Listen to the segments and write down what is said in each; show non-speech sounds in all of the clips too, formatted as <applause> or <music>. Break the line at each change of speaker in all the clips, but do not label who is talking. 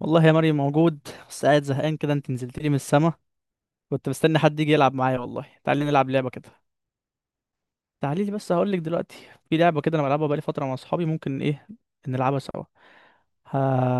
والله يا مريم موجود. بس قاعد زهقان كده، انت نزلت لي من السما. كنت مستني حد يجي يلعب معايا، والله تعالي نلعب لعبة كده. تعالي لي بس هقول لك دلوقتي. في لعبة كده انا بلعبها بقالي فترة مع اصحابي، ممكن ايه نلعبها سوا. ه...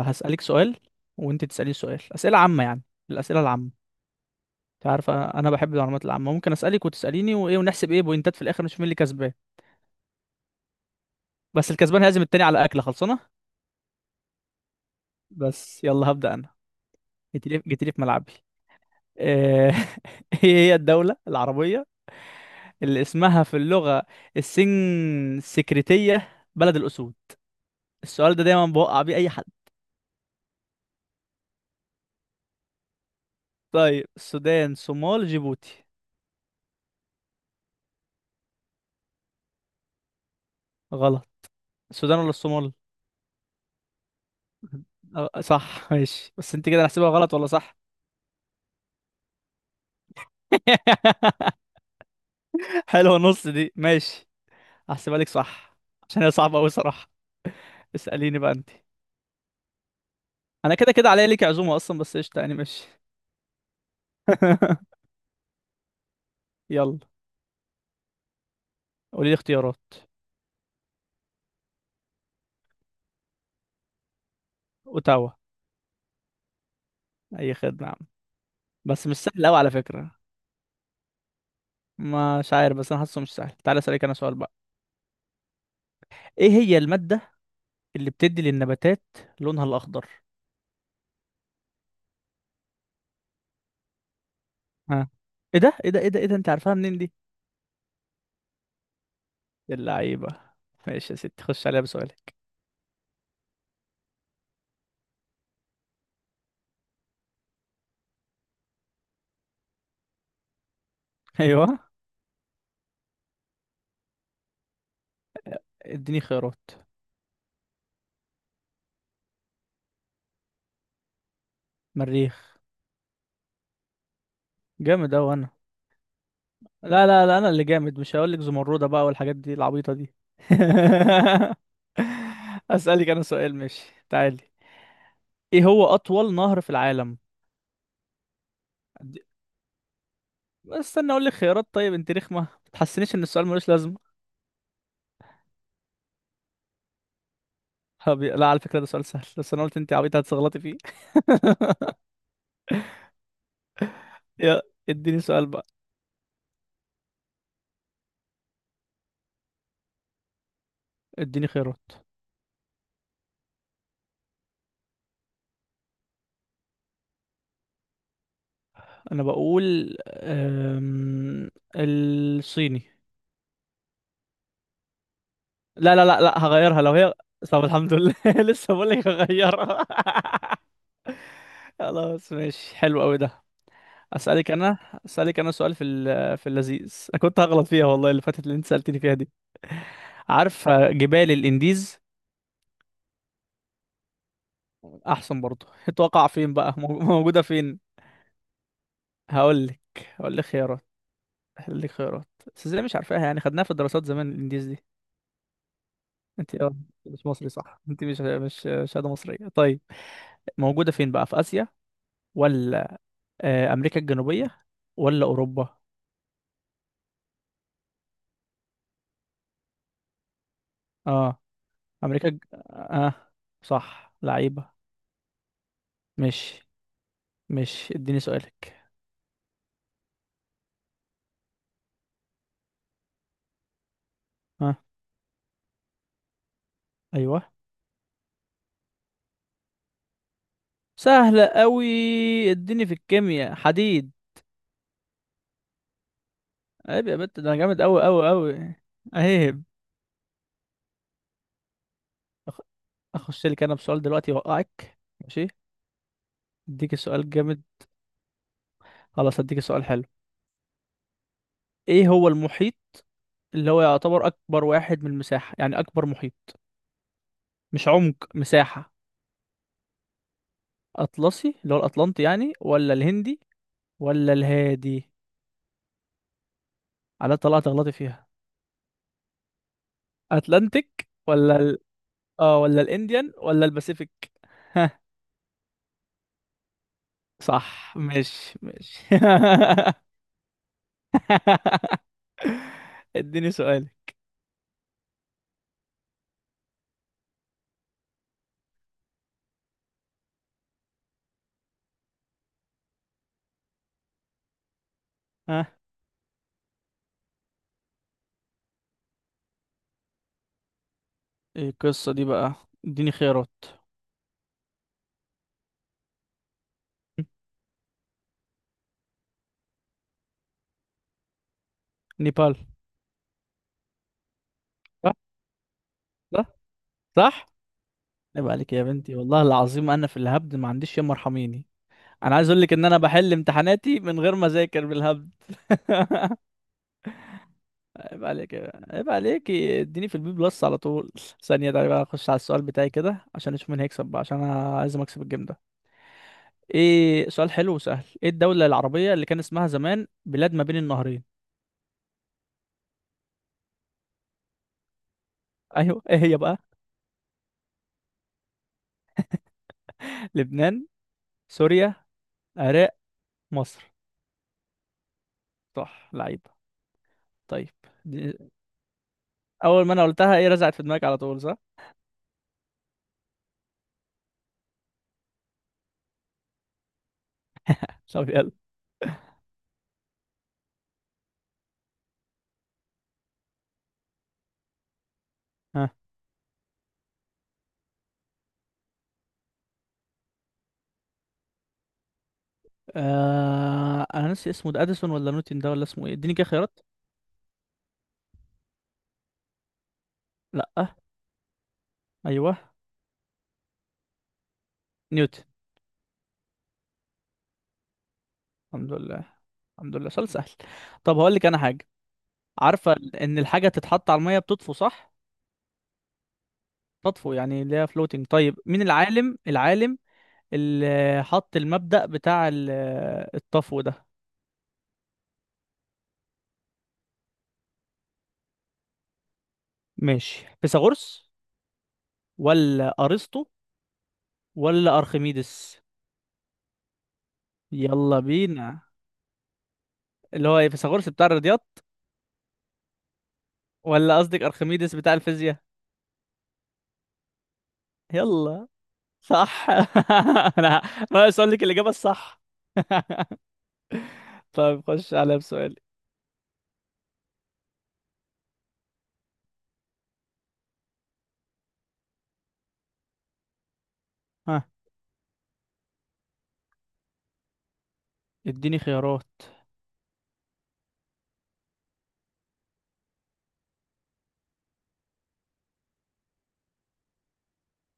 هسألك سؤال وانت تسألي سؤال، أسئلة عامة يعني، الأسئلة العامة. انت عارفة انا بحب المعلومات العامة، ممكن أسألك وتسأليني وايه، ونحسب ايه بوينتات في الاخر نشوف مين اللي كسبان. بس الكسبان هيعزم التاني على أكلة خلصانة. بس يلا هبدأ انا. جيت لي جيت لي في ملعبي. <laughs> آه، ايه هي الدولة العربية اللي اسمها في اللغة السن السكرتية بلد الأسود؟ السؤال ده دايما بوقع بيه أي حد. طيب، السودان، صومال، جيبوتي؟ غلط. السودان ولا الصومال؟ أه، صح ماشي، بس انت كده هحسبها غلط ولا صح؟ <laughs> حلوة نص دي، ماشي، هحسبها لك صح. عشان هي صعبة أوي صراحة. اسأليني بقى انت. أنا كده كده عليا ليك عزومة أصلا، بس قشطة يعني ماشي. <laughs> يلا. قولي لي اختيارات. أوتاوا. أي خدمة يا عم. بس مش سهل أوي على فكرة. مش عارف، بس انا حاسه مش سهل، تعالى اسالك انا سؤال بقى. ايه هي الماده اللي بتدي للنباتات لونها الاخضر؟ ها، ايه ده ايه ده ايه ده ايه ده، انت عارفها منين دي؟ اللعيبه. ماشي يا ستي، خش عليها بسؤالك. <laughs> ايوه. اديني خيارات. مريخ. جامد اوي انا. لا لا لا انا اللي جامد، مش هقول لك زمرده بقى والحاجات دي العبيطه دي. <laughs> اسالك انا سؤال ماشي، تعالي. ايه هو اطول نهر في العالم؟ دي- بس استنى اقول لك خيارات، طيب انت رخمه، ما تحسنيش ان السؤال ملوش لازمه. لا على فكرة، ده سؤال سهل بس انا قلت انت عبيطة هتغلطي فيه. <laughs> يا. اديني سؤال بقى. اديني خيارات. انا بقول الصيني. لا لا لا لا، هغيرها لو هي. طب الحمد لله. <laughs> لسه بقول لك هغيرها. <laughs> خلاص ماشي، حلو قوي ده. اسالك انا، اسالك انا سؤال في في اللذيذ، انا كنت هغلط فيها والله اللي فاتت اللي انت سالتني فيها دي. عارفه جبال الانديز؟ احسن برضه. تقع فين بقى، موجوده فين؟ هقول لك هقول لك خيارات، هقول لك خيارات. بس ازاي مش عارفاها يعني، خدناها في الدراسات زمان، الانديز دي. انت اه، مش مصري صح، انت مش شهاده مصريه طيب. موجوده فين بقى، في اسيا ولا امريكا الجنوبيه ولا اوروبا؟ اه، امريكا اه. آه، صح لعيبه. مش مش اديني سؤالك. اه. ايوه. سهله قوي. اديني في الكيمياء، حديد. عيب يا بنت، ده انا جامد قوي قوي قوي. عيب. أخ- اخش لك انا بسؤال دلوقتي يوقعك، ماشي. اديك سؤال جامد. خلاص اديك سؤال حلو. ايه هو المحيط اللي هو يعتبر اكبر واحد من المساحة يعني، اكبر محيط، مش عمق، مساحة. اطلسي اللي هو الاطلنطي يعني، ولا الهندي ولا الهادي؟ على طلعت غلطي فيها. اتلانتيك ولا اه، ولا الانديان ولا الباسيفيك؟ ها. صح ماشي ماشي. <laughs> اديني سؤالي. ها، ايه القصة دي بقى؟ اديني خيارات. <laughs> نيبال. صح صح صح. عيب عليك يا بنتي، والله العظيم انا في الهبد ما عنديش ياما، ارحميني. انا عايز اقول لك ان انا بحل امتحاناتي من غير ما اذاكر، بالهبد. عيب عليك، اديني في البي بلس على طول. ثانيه، ده بقى اخش على السؤال بتاعي كده، عشان اشوف مين هيكسب بقى، عشان انا عايز اكسب الجيم ده. ايه سؤال حلو وسهل، ايه الدوله العربيه اللي كان اسمها زمان بلاد ما بين النهرين؟ <laughs> ايوه، ايه هي بقى؟ لبنان، سوريا، العراق، مصر؟ صح لعيب. طيب. دي- اول ما انا قلتها، ايه رزعت في دماغك على طول صح. طب يلا. انا ناسي اسمه ده، اديسون ولا نيوتن ده، ولا اسمه ايه، اديني كده خيارات. لا. ايوه. نيوتن. الحمد لله، الحمد لله سؤال سهل. طب هقول لك انا حاجه. عارفه ان الحاجه تتحط على الميه بتطفو صح؟ تطفو يعني اللي هي فلوتنج، طيب مين العالم، اللي حط المبدأ بتاع الطفو ده. ماشي، فيثاغورس ولا ارسطو ولا ارخميدس؟ يلا بينا. اللي هو ايه، فيثاغورس بتاع الرياضيات ولا قصدك ارخميدس بتاع الفيزياء؟ يلا. صح. <laughs> انا ناقص اقول لك الاجابه الصح. <laughs> طيب خش على بسؤالي. ها. اديني خيارات.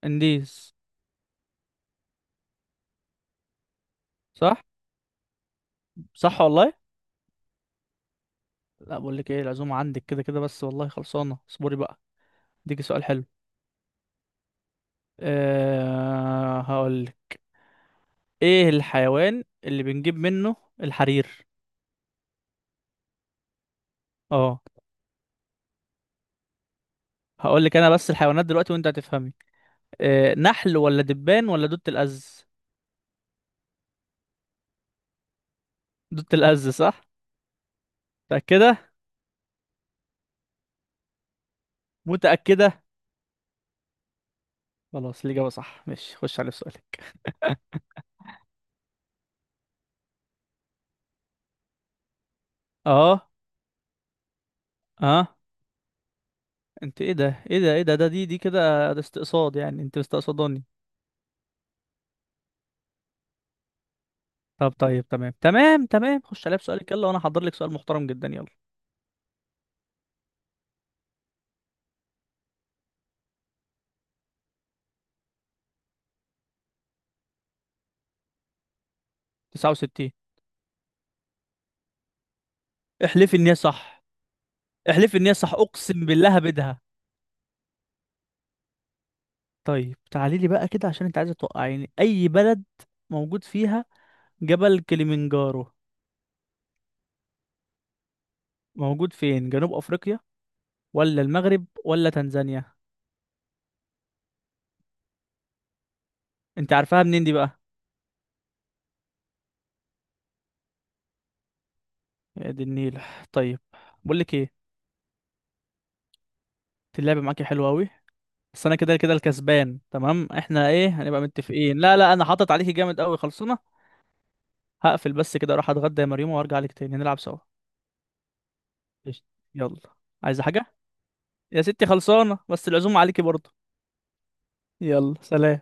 انديز. صح صح والله. لا بقول لك ايه، العزومه عندك كده كده بس والله خلصانه، اصبري بقى. اديكي سؤال حلو. أه هقول لك. ايه الحيوان اللي بنجيب منه الحرير؟ اه. هقول لك انا بس الحيوانات دلوقتي وانت هتفهمي. أه، نحل ولا دبان ولا دود الأز؟ دود الأز صح. متأكده. متأكده. خلاص الإجابة صح ماشي، خش على السؤال. اه. اه. انت ايه ده ايه ده ايه ده ده دي دي كده ده استقصاد يعني، انت مستقصداني؟ طب طيب تمام تمام تمام، خش عليا بسؤالك يلا، وانا هحضر لك سؤال محترم جدا يلا. 69. احلفي ان هي صح، احلفي ان هي صح، اقسم بالله هبدها. طيب تعالي لي بقى كده، عشان انت عايزه توقعيني، اي بلد موجود فيها جبل كليمنجارو؟ موجود فين، جنوب افريقيا ولا المغرب ولا تنزانيا؟ انت عارفاها منين دي بقى؟ يا دي النيل. طيب، بقول لك ايه. اللعبه معاكي حلوه قوي، بس انا كده كده الكسبان تمام، احنا ايه هنبقى متفقين، لا لا انا حاطط عليكي جامد قوي، خلصنا. هقفل بس كده، اروح اتغدى يا مريم وارجع لك تاني نلعب سوا. قشطة. يلا. عايزة حاجة؟ يا ستي خلصانة، بس العزومة عليكي برضه. يلا سلام.